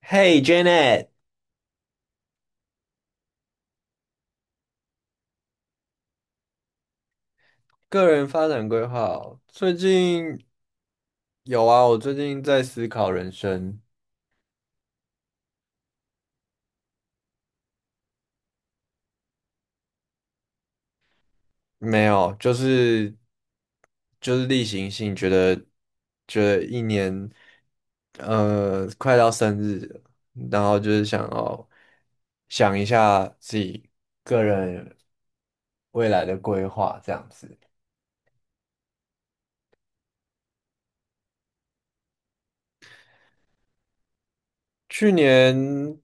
Hey Janet，个人发展规划哦最近有啊，我最近在思考人生，没有，就是例行性，觉得一年，快到生日了然后就是想要想一下自己个人未来的规划这样子。去年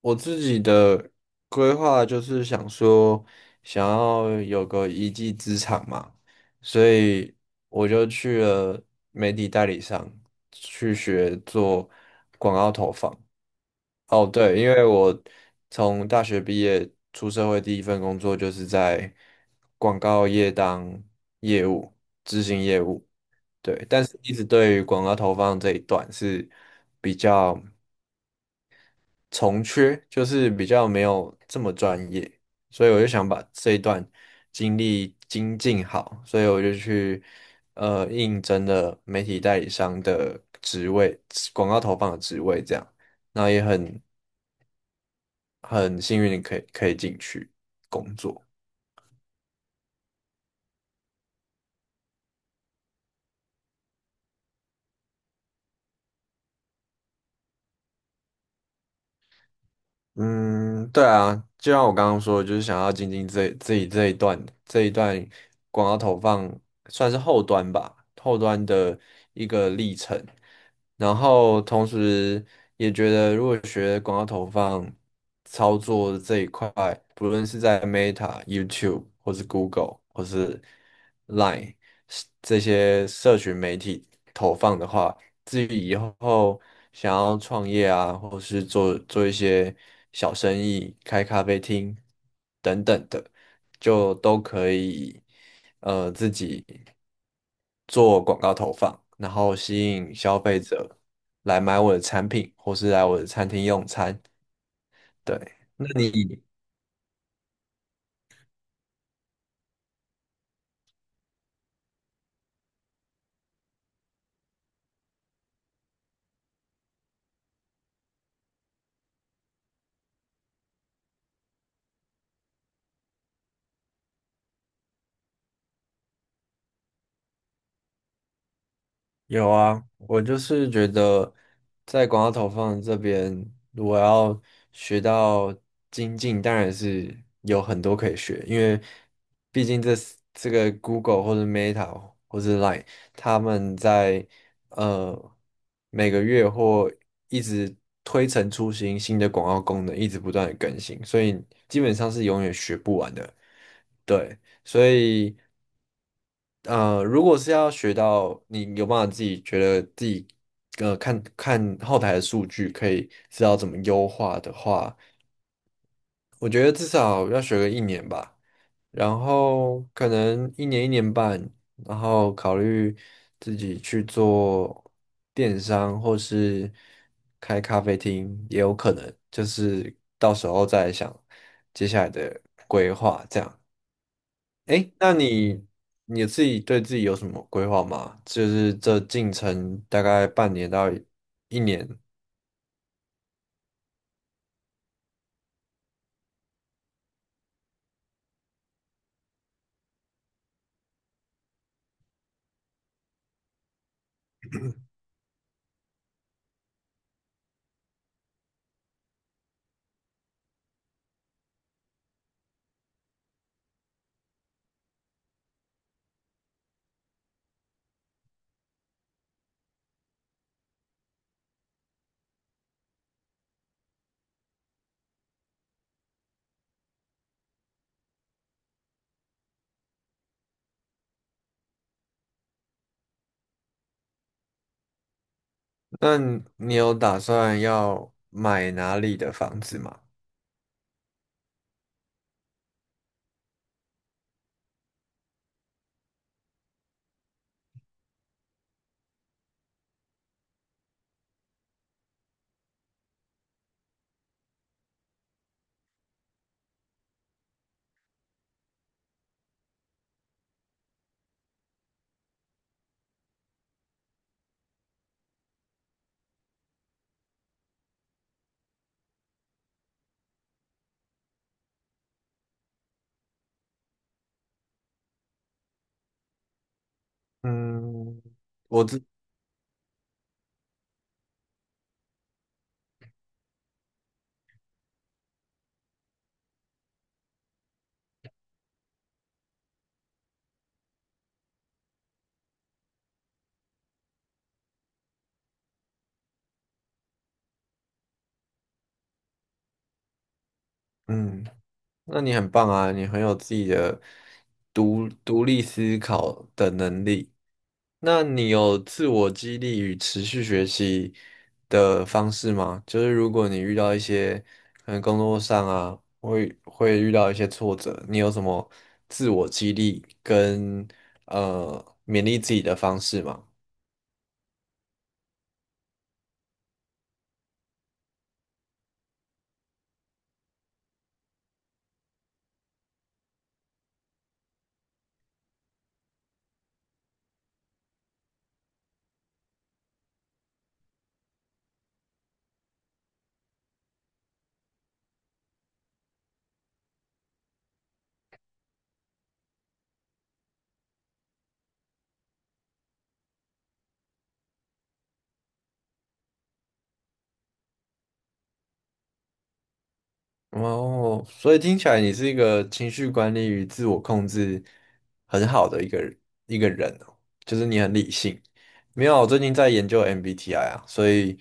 我自己的规划就是想说，想要有个一技之长嘛，所以我就去了媒体代理商去学做。哦，对，因为我从大学毕业出社会，第一份工作就是在广告业当业务，执行业务。对，但是一直对于广告投放这一段是比较。从缺，就是比较没有这么专业，所以我就想把这一段经历精进好，所以我就去应征了媒体代理商的职位，广告投放的职位这样，那也很幸运地可以进去工作。嗯，对啊，就像我刚刚说的，就是想要精进这自己这一段广告投放，算是后端吧，后端的一个历程。然后同时也觉得，如果学广告投放操作这一块，不论是在 Meta、YouTube 或是 Google 或是 Line 这些社群媒体投放的话。至于以后想要创业啊，或是做做一些小生意、开咖啡厅等等的，就都可以自己做广告投放，然后吸引消费者来买我的产品，或是来我的餐厅用餐。对，那你？有啊，我就是觉得在广告投放这边，我要学到精进，当然是有很多可以学，因为毕竟这是这个 Google 或者 Meta 或者 Line,他们在呃每个月或一直推陈出新，新的广告功能一直不断的更新，所以基本上是永远学不完的。对，所以。如果是要学到你有办法自己觉得自己，看看后台的数据，可以知道怎么优化的话，我觉得至少要学个一年吧，然后可能一年一年半，然后考虑自己去做电商或是开咖啡厅也有可能，就是到时候再想接下来的。哎，那你自己对自己有什么规划吗？就是这进程大概半年到一年，那你有打算要买哪里的房子吗？嗯，我自嗯，那你很棒啊，你很有自己的独立思考的能力。那你有自我激励与持续学习的方式吗？就是如果你遇到一些可能工作上啊，会遇到一些挫折，你有什么自我激励跟勉励自己的方式吗？哦，所以听起来你是一个情绪管理与自我控制很好的一个人哦，就是你很理性。没有，我最近在研究 MBTI 啊，所以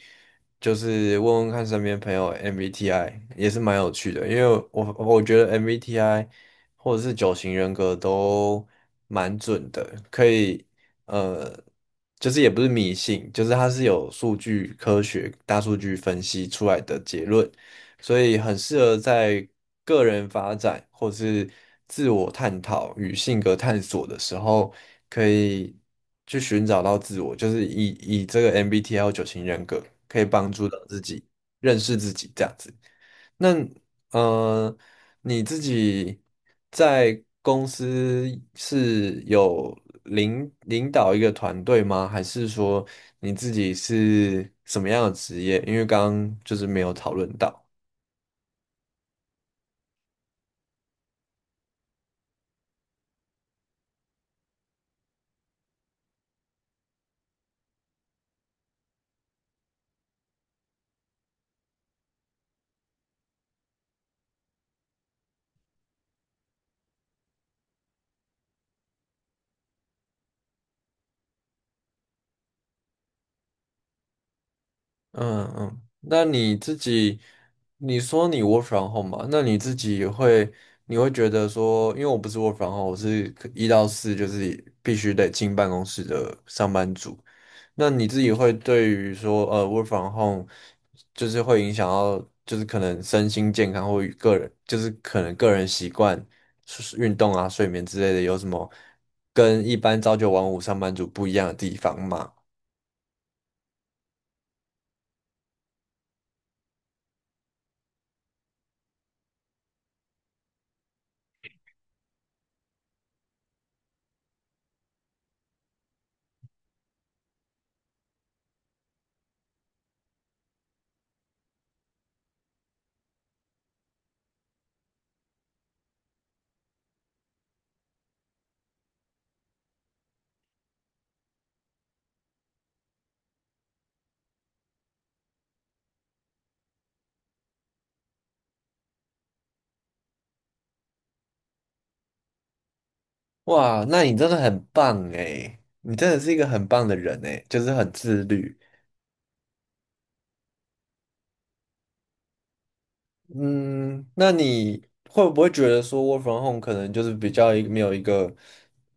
就是问问看身边朋友 MBTI 也是蛮有趣的，因为我觉得 MBTI 或者是九型人格都蛮准的，可以呃，就是也不是迷信，就是它是有数据科学大数据分析出来的结论。所以很适合在个人发展或是自我探讨与性格探索的时候，可以去寻找到自我，就是以这个 MBTI 九型人格可以帮助到自己认识自己这样子。那呃，你自己在公司是有领导一个团队吗？还是说你自己是什么样的职业？因为刚刚就是没有讨论到。嗯嗯，那你自己，你说你 work from home 嘛？那你自己也会，你会觉得说，因为我不是 work from home,我是可一到四就是必须得进办公室的上班族。那你自己会对于说，work from home 就是会影响到，就是可能身心健康或与个人，就是可能个人习惯、是运动啊、睡眠之类的，有什么跟一般朝九晚五上班族不一样的地方吗？哇，那你真的很棒诶，你真的是一个很棒的人诶，就是很自律。嗯，那你会不会觉得说 work from home 可能就是比较一没有一个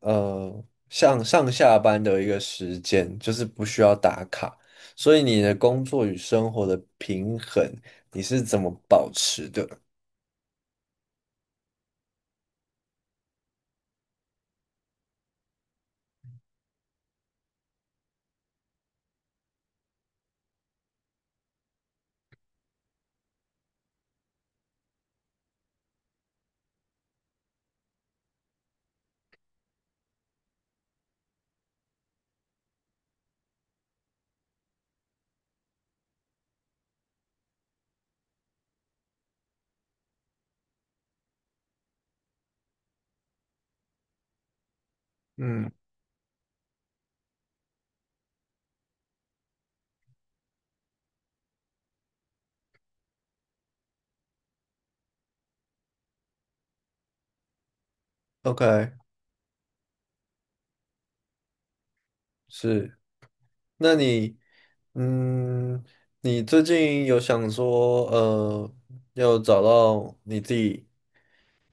像上下班的一个时间，就是不需要打卡，所以你的工作与生活的平衡你是怎么保持的？嗯，OK,是。那你，嗯，你最近有想说，要找到你自己，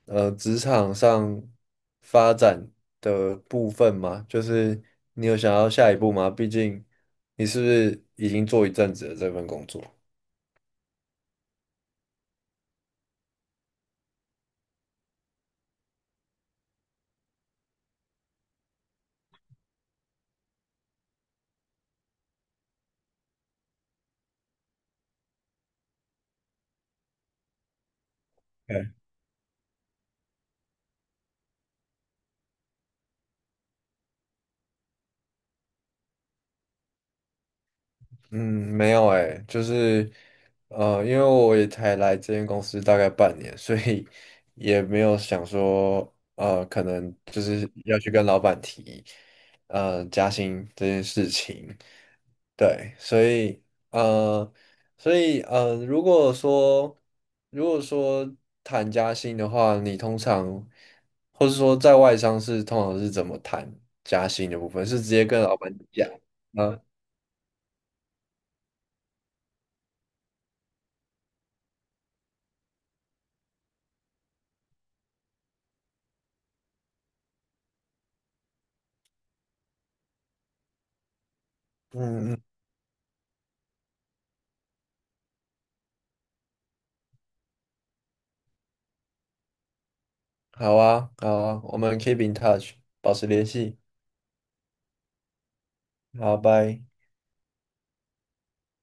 职场上发展的部分吗？就是你有想要下一步吗？毕竟你是不是已经做一阵子了这份工作？嗯，没有诶，就是因为我也才来这间公司大概半年，所以也没有想说可能就是要去跟老板提加薪这件事情。对，所以呃，所以呃，如果说如果说谈加薪的话，你通常或是说在外商是通常是怎么谈加薪的部分？是直接跟老板讲啊，嗯嗯好啊，好啊，我们 keep in touch,保持联系。好，拜。